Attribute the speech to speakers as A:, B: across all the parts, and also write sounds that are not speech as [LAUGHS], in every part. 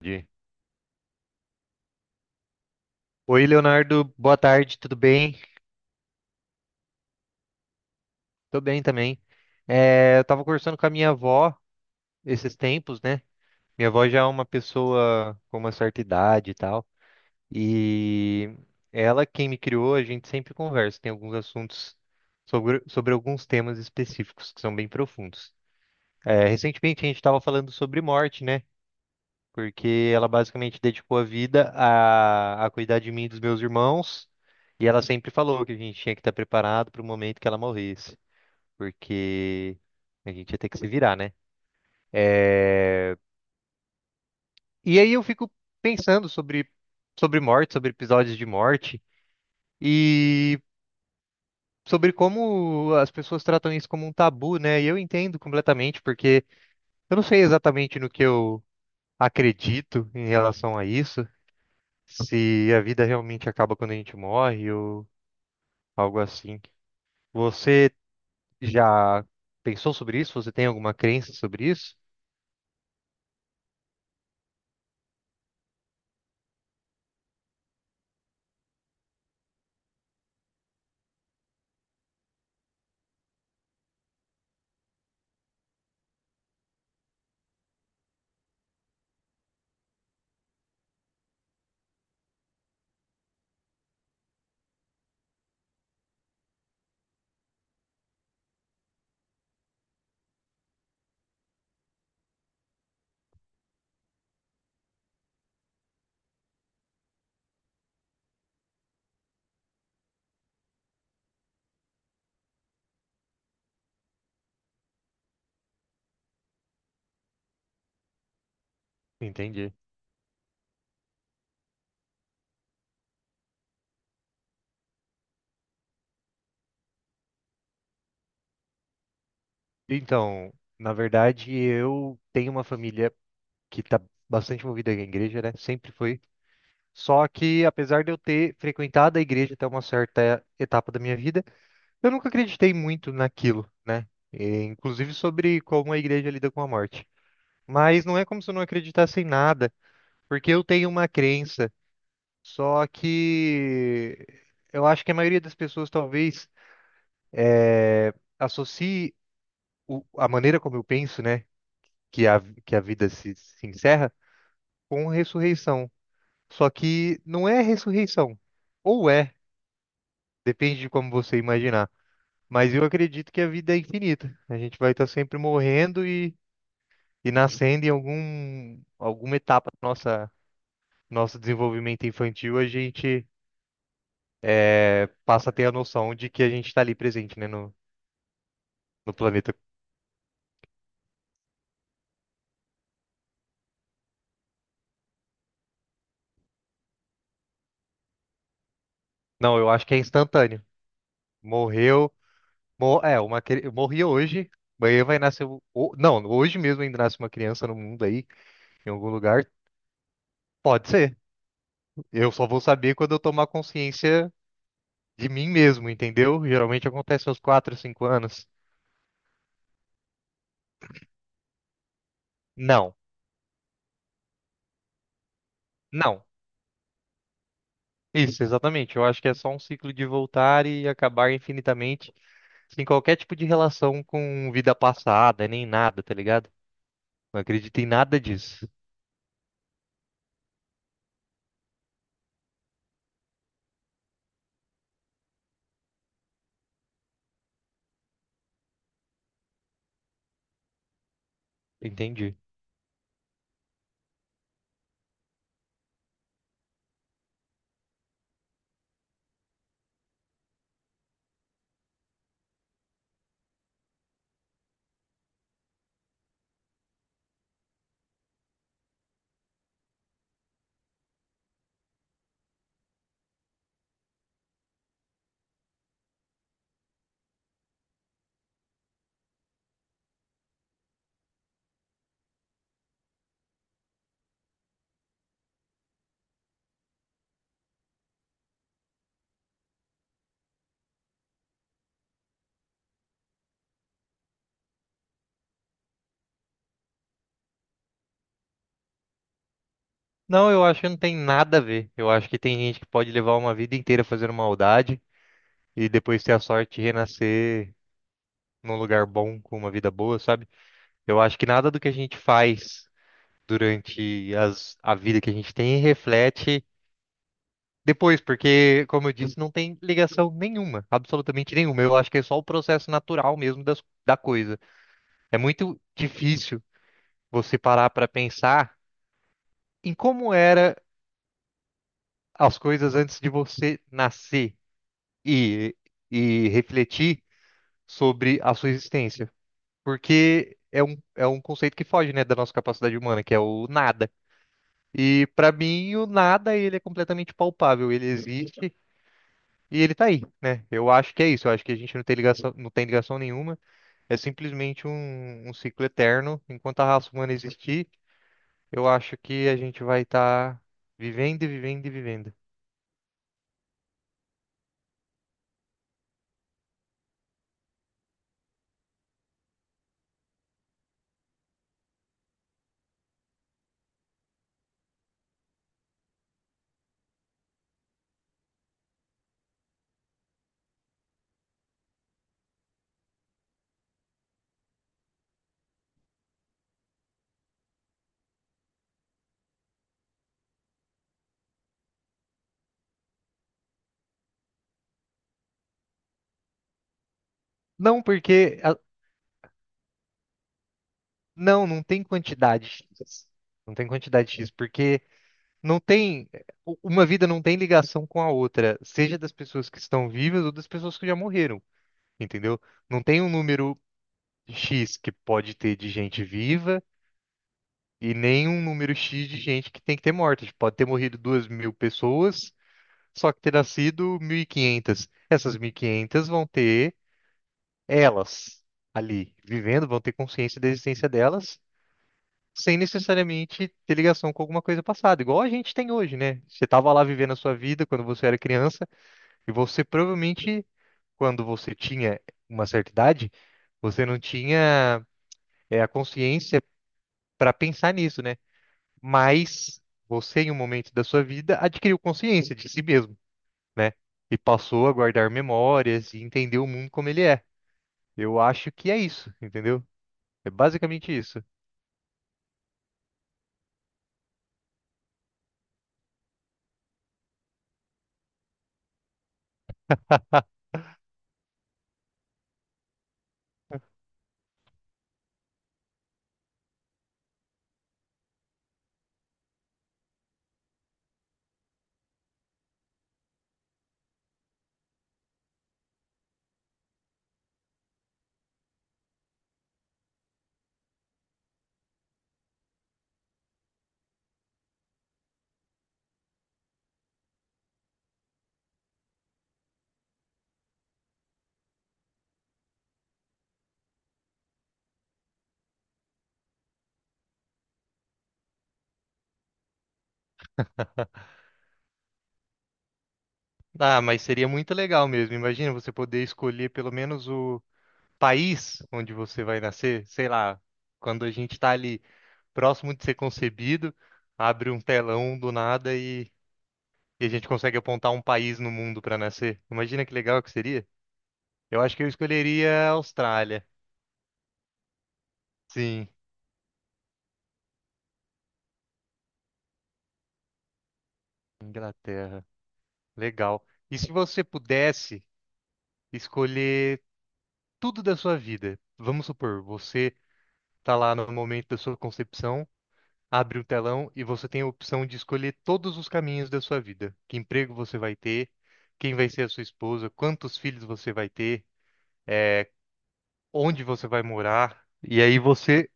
A: Entendi. Oi, Leonardo, boa tarde, tudo bem? Tô bem também. Eu tava conversando com a minha avó esses tempos, né? Minha avó já é uma pessoa com uma certa idade e tal, e ela, quem me criou, a gente sempre conversa, tem alguns assuntos sobre alguns temas específicos que são bem profundos. Recentemente a gente tava falando sobre morte, né? Porque ela basicamente dedicou a vida a cuidar de mim e dos meus irmãos, e ela sempre falou que a gente tinha que estar preparado para o momento que ela morresse, porque a gente ia ter que se virar, né? É, E aí eu fico pensando sobre morte, sobre episódios de morte, e sobre como as pessoas tratam isso como um tabu, né? E eu entendo completamente, porque eu não sei exatamente no que eu acredito em relação a isso. Se a vida realmente acaba quando a gente morre ou algo assim. Você já pensou sobre isso? Você tem alguma crença sobre isso? Entendi. Então, na verdade, eu tenho uma família que está bastante movida à igreja, né? Sempre foi. Só que, apesar de eu ter frequentado a igreja até uma certa etapa da minha vida, eu nunca acreditei muito naquilo, né? E inclusive sobre como a igreja lida com a morte. Mas não é como se eu não acreditasse em nada, porque eu tenho uma crença. Só que eu acho que a maioria das pessoas talvez associe a maneira como eu penso, né, que a vida se encerra com ressurreição. Só que não é ressurreição. Ou é, depende de como você imaginar. Mas eu acredito que a vida é infinita. A gente vai estar sempre morrendo e nascendo em alguma etapa do nossa, nosso desenvolvimento infantil. A gente passa a ter a noção de que a gente está ali presente, né, no planeta. Não, eu acho que é instantâneo. Morreu. Morri hoje. Amanhã vai nascer. Não, hoje mesmo ainda nasce uma criança no mundo aí, em algum lugar. Pode ser. Eu só vou saber quando eu tomar consciência de mim mesmo, entendeu? Geralmente acontece aos 4, 5 anos. Não, não. Isso, exatamente. Eu acho que é só um ciclo de voltar e acabar infinitamente, sem qualquer tipo de relação com vida passada, nem nada, tá ligado? Não acredito em nada disso. Entendi. Não, eu acho que não tem nada a ver. Eu acho que tem gente que pode levar uma vida inteira fazendo maldade e depois ter a sorte de renascer num lugar bom, com uma vida boa, sabe? Eu acho que nada do que a gente faz durante a vida que a gente tem reflete depois, porque, como eu disse, não tem ligação nenhuma, absolutamente nenhuma. Eu acho que é só o processo natural mesmo da coisa. É muito difícil você parar para pensar em como era as coisas antes de você nascer e, e refletir sobre a sua existência. Porque é é um conceito que foge, né, da nossa capacidade humana, que é o nada. E para mim, o nada, ele é completamente palpável, ele existe e ele tá aí, né? Eu acho que é isso, eu acho que a gente não tem ligação, não tem ligação nenhuma, é simplesmente um ciclo eterno. Enquanto a raça humana existir, eu acho que a gente vai estar vivendo e vivendo e vivendo. Não, porque... a- Não, não tem quantidade. X. Não tem quantidade X, porque não tem, uma vida não tem ligação com a outra, seja das pessoas que estão vivas ou das pessoas que já morreram, entendeu? Não tem um número X que pode ter de gente viva e nem um número X de gente que tem que ter morta. Tipo, pode ter morrido 2.000 pessoas, só que ter nascido 1.500. Essas 1.500 vão ter elas ali vivendo, vão ter consciência da existência delas. Sem necessariamente ter ligação com alguma coisa passada, igual a gente tem hoje, né? Você estava lá vivendo a sua vida quando você era criança, e você provavelmente, quando você tinha uma certa idade, você não tinha a consciência para pensar nisso, né? Mas você, em um momento da sua vida, adquiriu consciência de si mesmo, né? E passou a guardar memórias e entender o mundo como ele é. Eu acho que é isso, entendeu? É basicamente isso. [LAUGHS] Ah, mas seria muito legal mesmo. Imagina você poder escolher pelo menos o país onde você vai nascer, sei lá, quando a gente tá ali, próximo de ser concebido, abre um telão do nada e a gente consegue apontar um país no mundo para nascer. Imagina que legal que seria. Eu acho que eu escolheria a Austrália. Sim. Inglaterra. Legal. E se você pudesse escolher tudo da sua vida? Vamos supor, você está lá no momento da sua concepção, abre o telão e você tem a opção de escolher todos os caminhos da sua vida. Que emprego você vai ter? Quem vai ser a sua esposa? Quantos filhos você vai ter? eh, Onde você vai morar. E aí você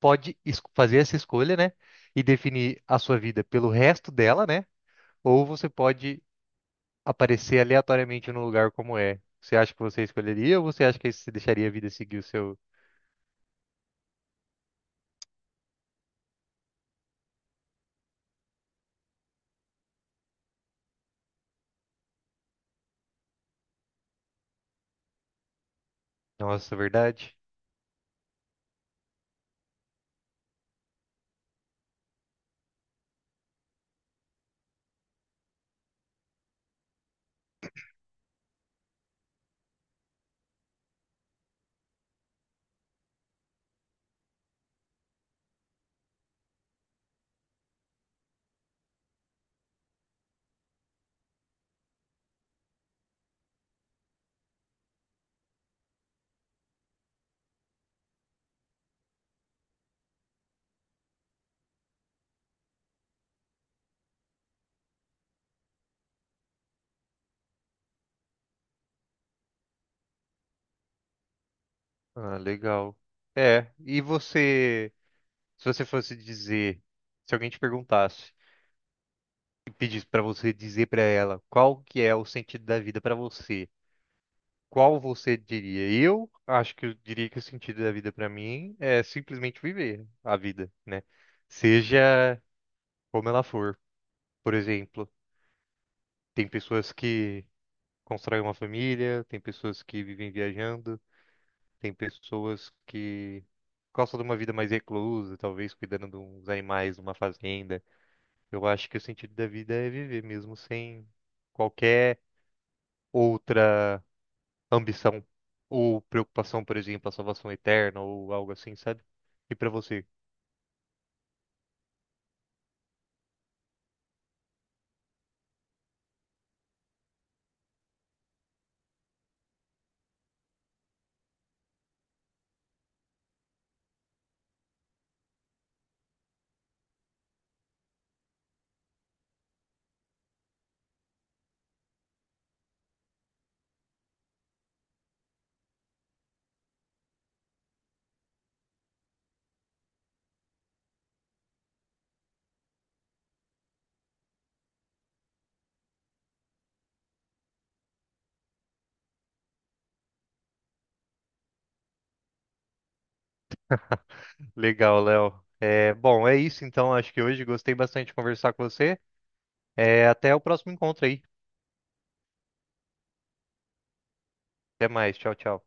A: fazer essa escolha, né? E definir a sua vida pelo resto dela, né? Ou você pode aparecer aleatoriamente no lugar como é. Você acha que você escolheria ou você acha que você deixaria a vida seguir o seu? Nossa, verdade? Ah, legal. E você, se você fosse dizer, se alguém te perguntasse e pedisse pra você dizer pra ela qual que é o sentido da vida pra você, qual você diria? Eu acho que eu diria que o sentido da vida pra mim é simplesmente viver a vida, né? Seja como ela for. Por exemplo, tem pessoas que constroem uma família, tem pessoas que vivem viajando, tem pessoas que gostam de uma vida mais reclusa, talvez cuidando de uns animais numa fazenda. Eu acho que o sentido da vida é viver mesmo sem qualquer outra ambição ou preocupação, por exemplo, a salvação eterna ou algo assim, sabe? E pra você? Legal, Léo. É, bom, é isso então. Acho que hoje gostei bastante de conversar com você. É, até o próximo encontro aí. Até mais. Tchau, tchau.